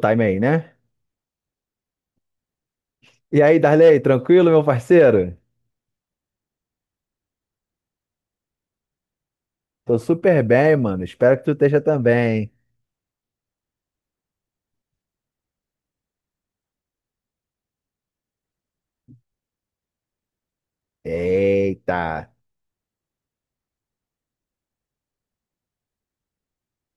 Time aí, né? E aí, Darley, tranquilo, meu parceiro? Tô super bem, mano. Espero que tu esteja também. Eita,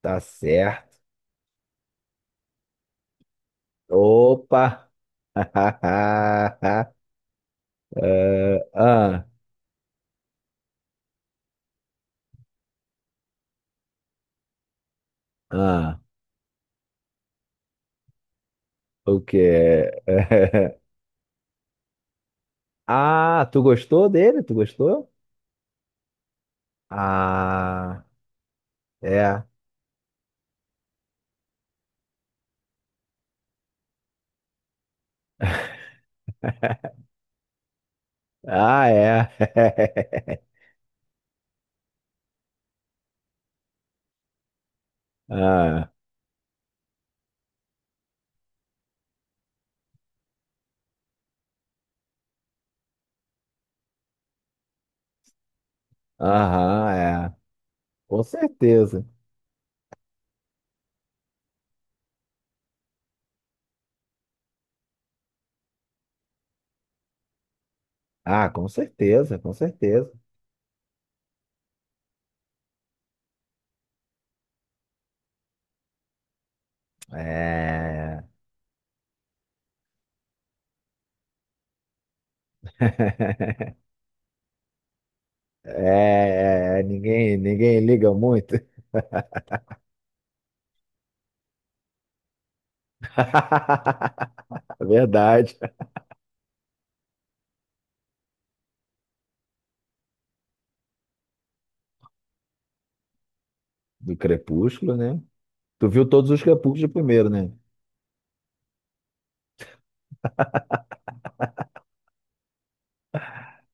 tá certo. Opa! É, ah, ah, o quê? Ah, tu gostou dele? Tu gostou? Ah, é. Ah, é. Ah, aham, é. Com certeza. Ah, com certeza, com certeza. É. É, é, ninguém liga muito. Verdade. Do Crepúsculo, né? Tu viu todos os Crepúsculos de primeiro, né?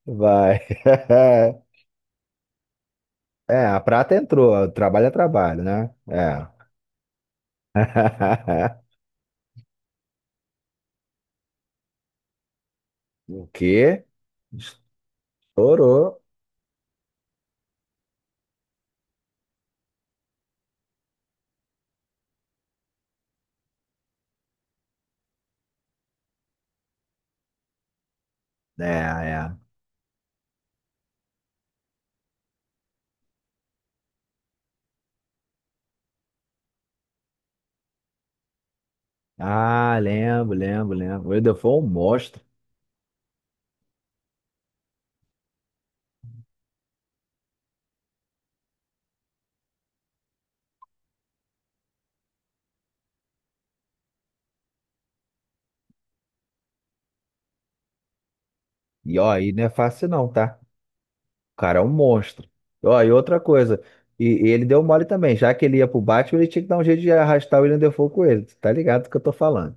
Vai. É, a prata entrou. Trabalho é trabalho, né? É. O quê? Estourou. É, é. Ah, lembro, lembro, lembro. O Ildefonso é um monstro. E ó, aí não é fácil não, tá? O cara é um monstro. Ó, e outra coisa, e ele deu mole também, já que ele ia pro Batman, ele tinha que dar um jeito de arrastar o William Dafoe com ele. Tu tá ligado do que eu tô falando?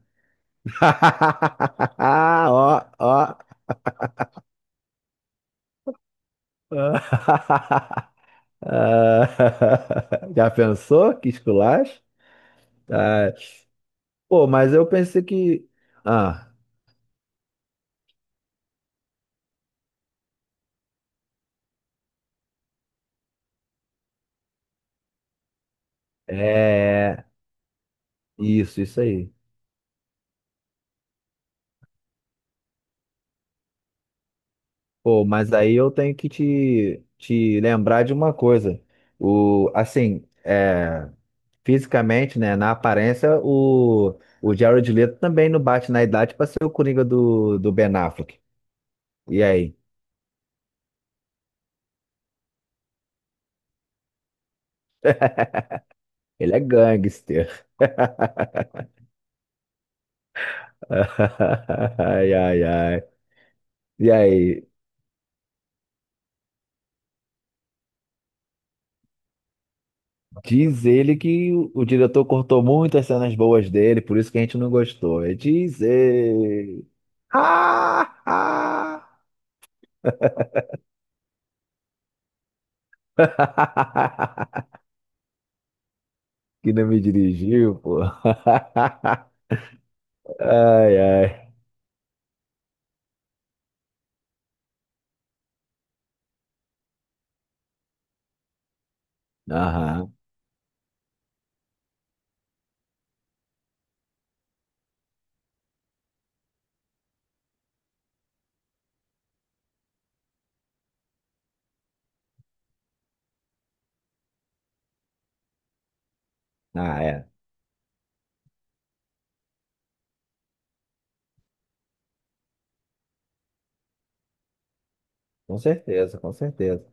Ó, ó. Ah, já pensou? Que esculacho? Ah, pô, mas eu pensei que. Ah, é. Isso aí. Pô, mas aí eu tenho que te lembrar de uma coisa. O, assim, é. Fisicamente, né, na aparência, o Jared Leto também não bate na idade para ser o Coringa do Ben Affleck. E aí? Ele é gangster. Ai, ai, ai. E aí? Diz ele que o diretor cortou muitas cenas boas dele, por isso que a gente não gostou. É, diz ele. Ah, ah. Que não me dirigiu, pô. Ai, ai. Aham. Ah, é. Com certeza, com certeza.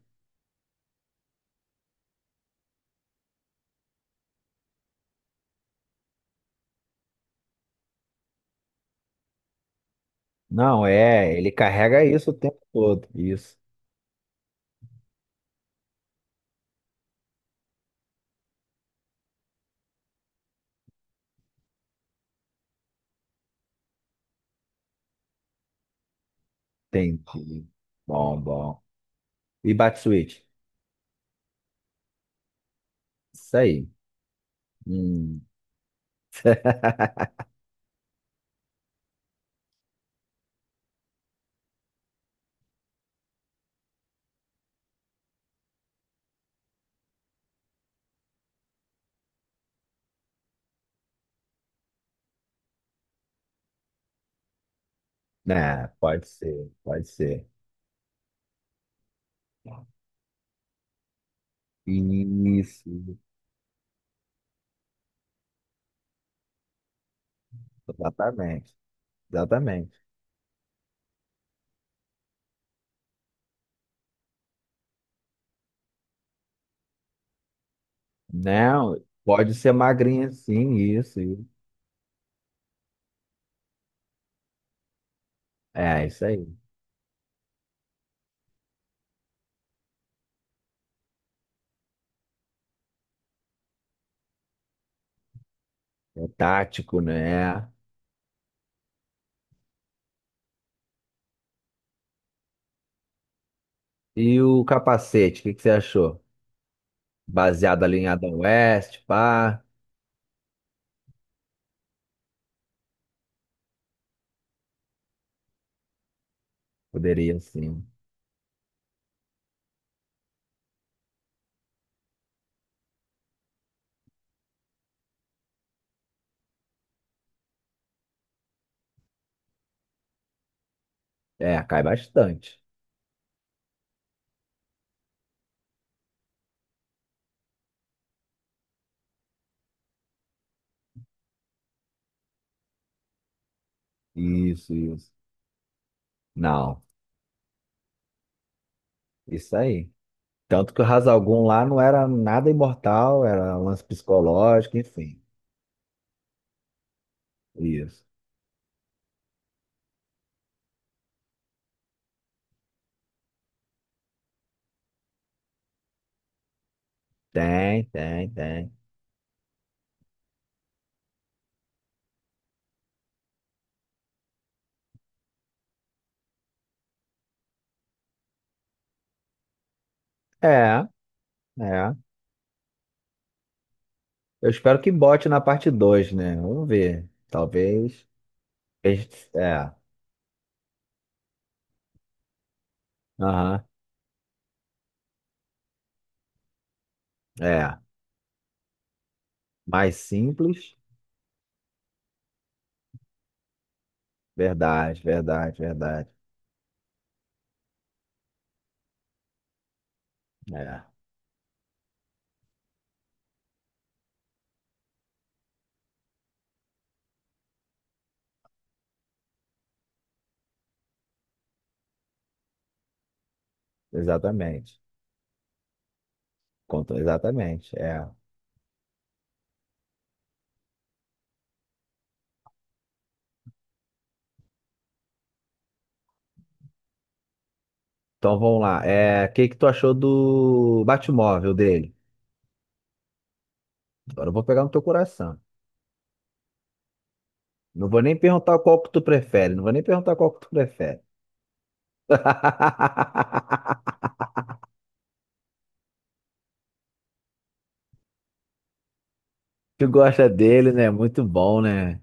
Não, é, ele carrega isso o tempo todo. Isso, entendi. Bom, bom. E bate switch? Isso aí. Hum. É, pode ser, pode ser. Isso, exatamente, exatamente. Não, pode ser magrinha sim, isso, isso. É, isso aí. É tático, né? E o capacete, o que que você achou? Baseado ali em Adam West, pá, poderia sim. É, cai bastante. Isso, isso. Não, isso aí. Tanto que o Ra's al Ghul lá não era nada imortal, era um lance psicológico, enfim. Isso. Tem, tem, tem. É, é. Eu espero que bote na parte dois, né? Vamos ver. Talvez. É, aham, é. Mais simples. Verdade, verdade, verdade. É, exatamente. Contou exatamente, é. Então vamos lá. É, o que que tu achou do Batmóvel dele? Agora eu vou pegar no teu coração. Não vou nem perguntar qual que tu prefere. Não vou nem perguntar qual que tu prefere. Tu gosta dele, né? Muito bom, né?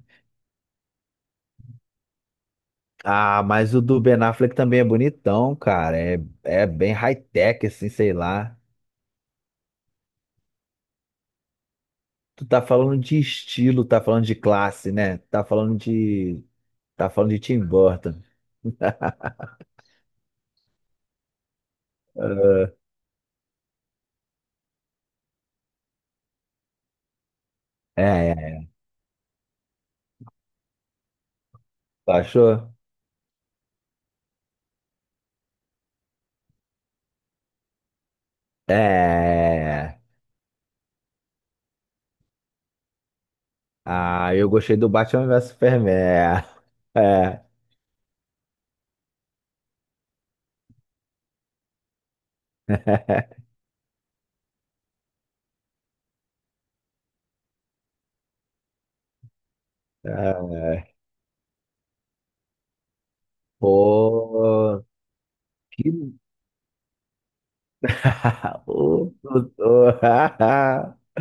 Ah, mas o do Ben Affleck também é bonitão, cara. É, é bem high-tech, assim, sei lá. Tu tá falando de estilo, tá falando de classe, né? Tá falando de. Tá falando de Tim Burton. É, é, é. Tu achou? É. É, é. Ah, eu gostei do Batman vs Superman. É. É. Pô. Que... Ô, doutor.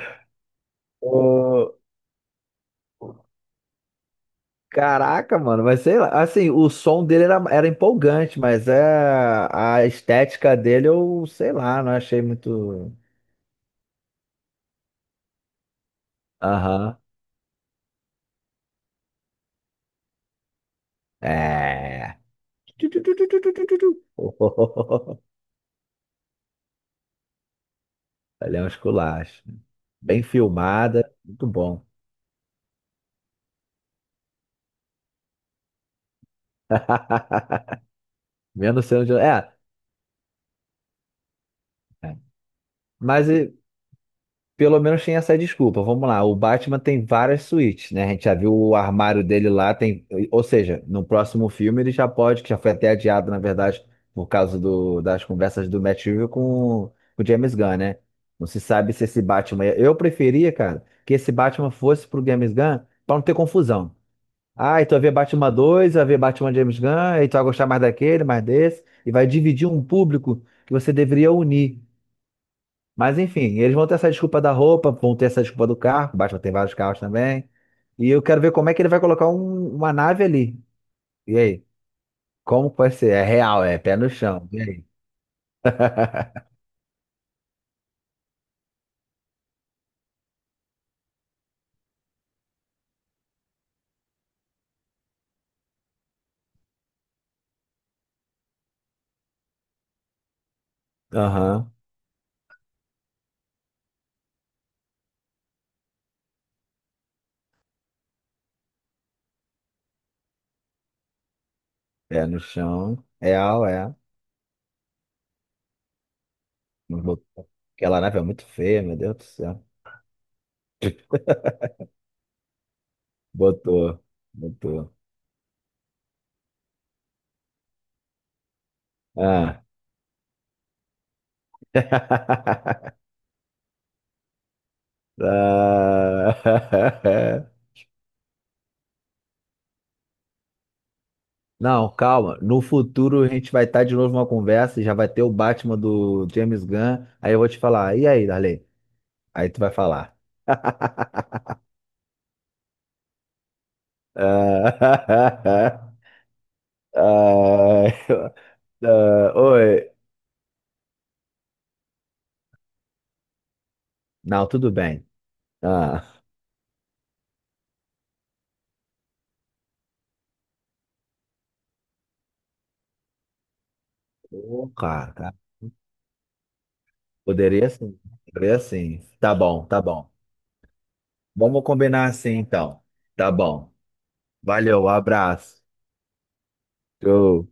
Ô, caraca, mano, mas sei lá, assim, o som dele era empolgante, mas é, a estética dele eu, sei lá, não achei muito. Aham. É. Tu. Ali é um esculacho. Bem filmada, muito bom. Menos sendo de. É. É. Mas, Pelo menos tem essa desculpa. Vamos lá, o Batman tem várias suítes, né? A gente já viu o armário dele lá, tem, ou seja, no próximo filme ele já pode, que já foi até adiado, na verdade, por causa das conversas do Matt Reeves com o James Gunn, né? Não se sabe se esse Batman. Eu preferia, cara, que esse Batman fosse pro James Gunn pra não ter confusão. Ah, então vai ver Batman 2, vai ver Batman James Gunn, aí tu vai gostar mais daquele, mais desse, e vai dividir um público que você deveria unir. Mas enfim, eles vão ter essa desculpa da roupa, vão ter essa desculpa do carro, basta tem vários carros também. E eu quero ver como é que ele vai colocar uma nave ali. E aí? Como vai ser? É real, é pé no chão. E aí? Aham, pé no chão. Real, é. Não botou. Aquela nave é muito feia, meu Deus do céu. Botou, botou. Ah. Ah. Não, calma. No futuro a gente vai estar de novo numa conversa, e já vai ter o Batman do James Gunn. Aí eu vou te falar, e aí, Darley? Aí tu vai falar. Ah, ah, ah, oi. Não, tudo bem. Ah, ô, cara, cara, poderia sim. Poderia sim. Tá bom, tá bom. Vamos combinar assim então. Tá bom. Valeu, um abraço. Tchau.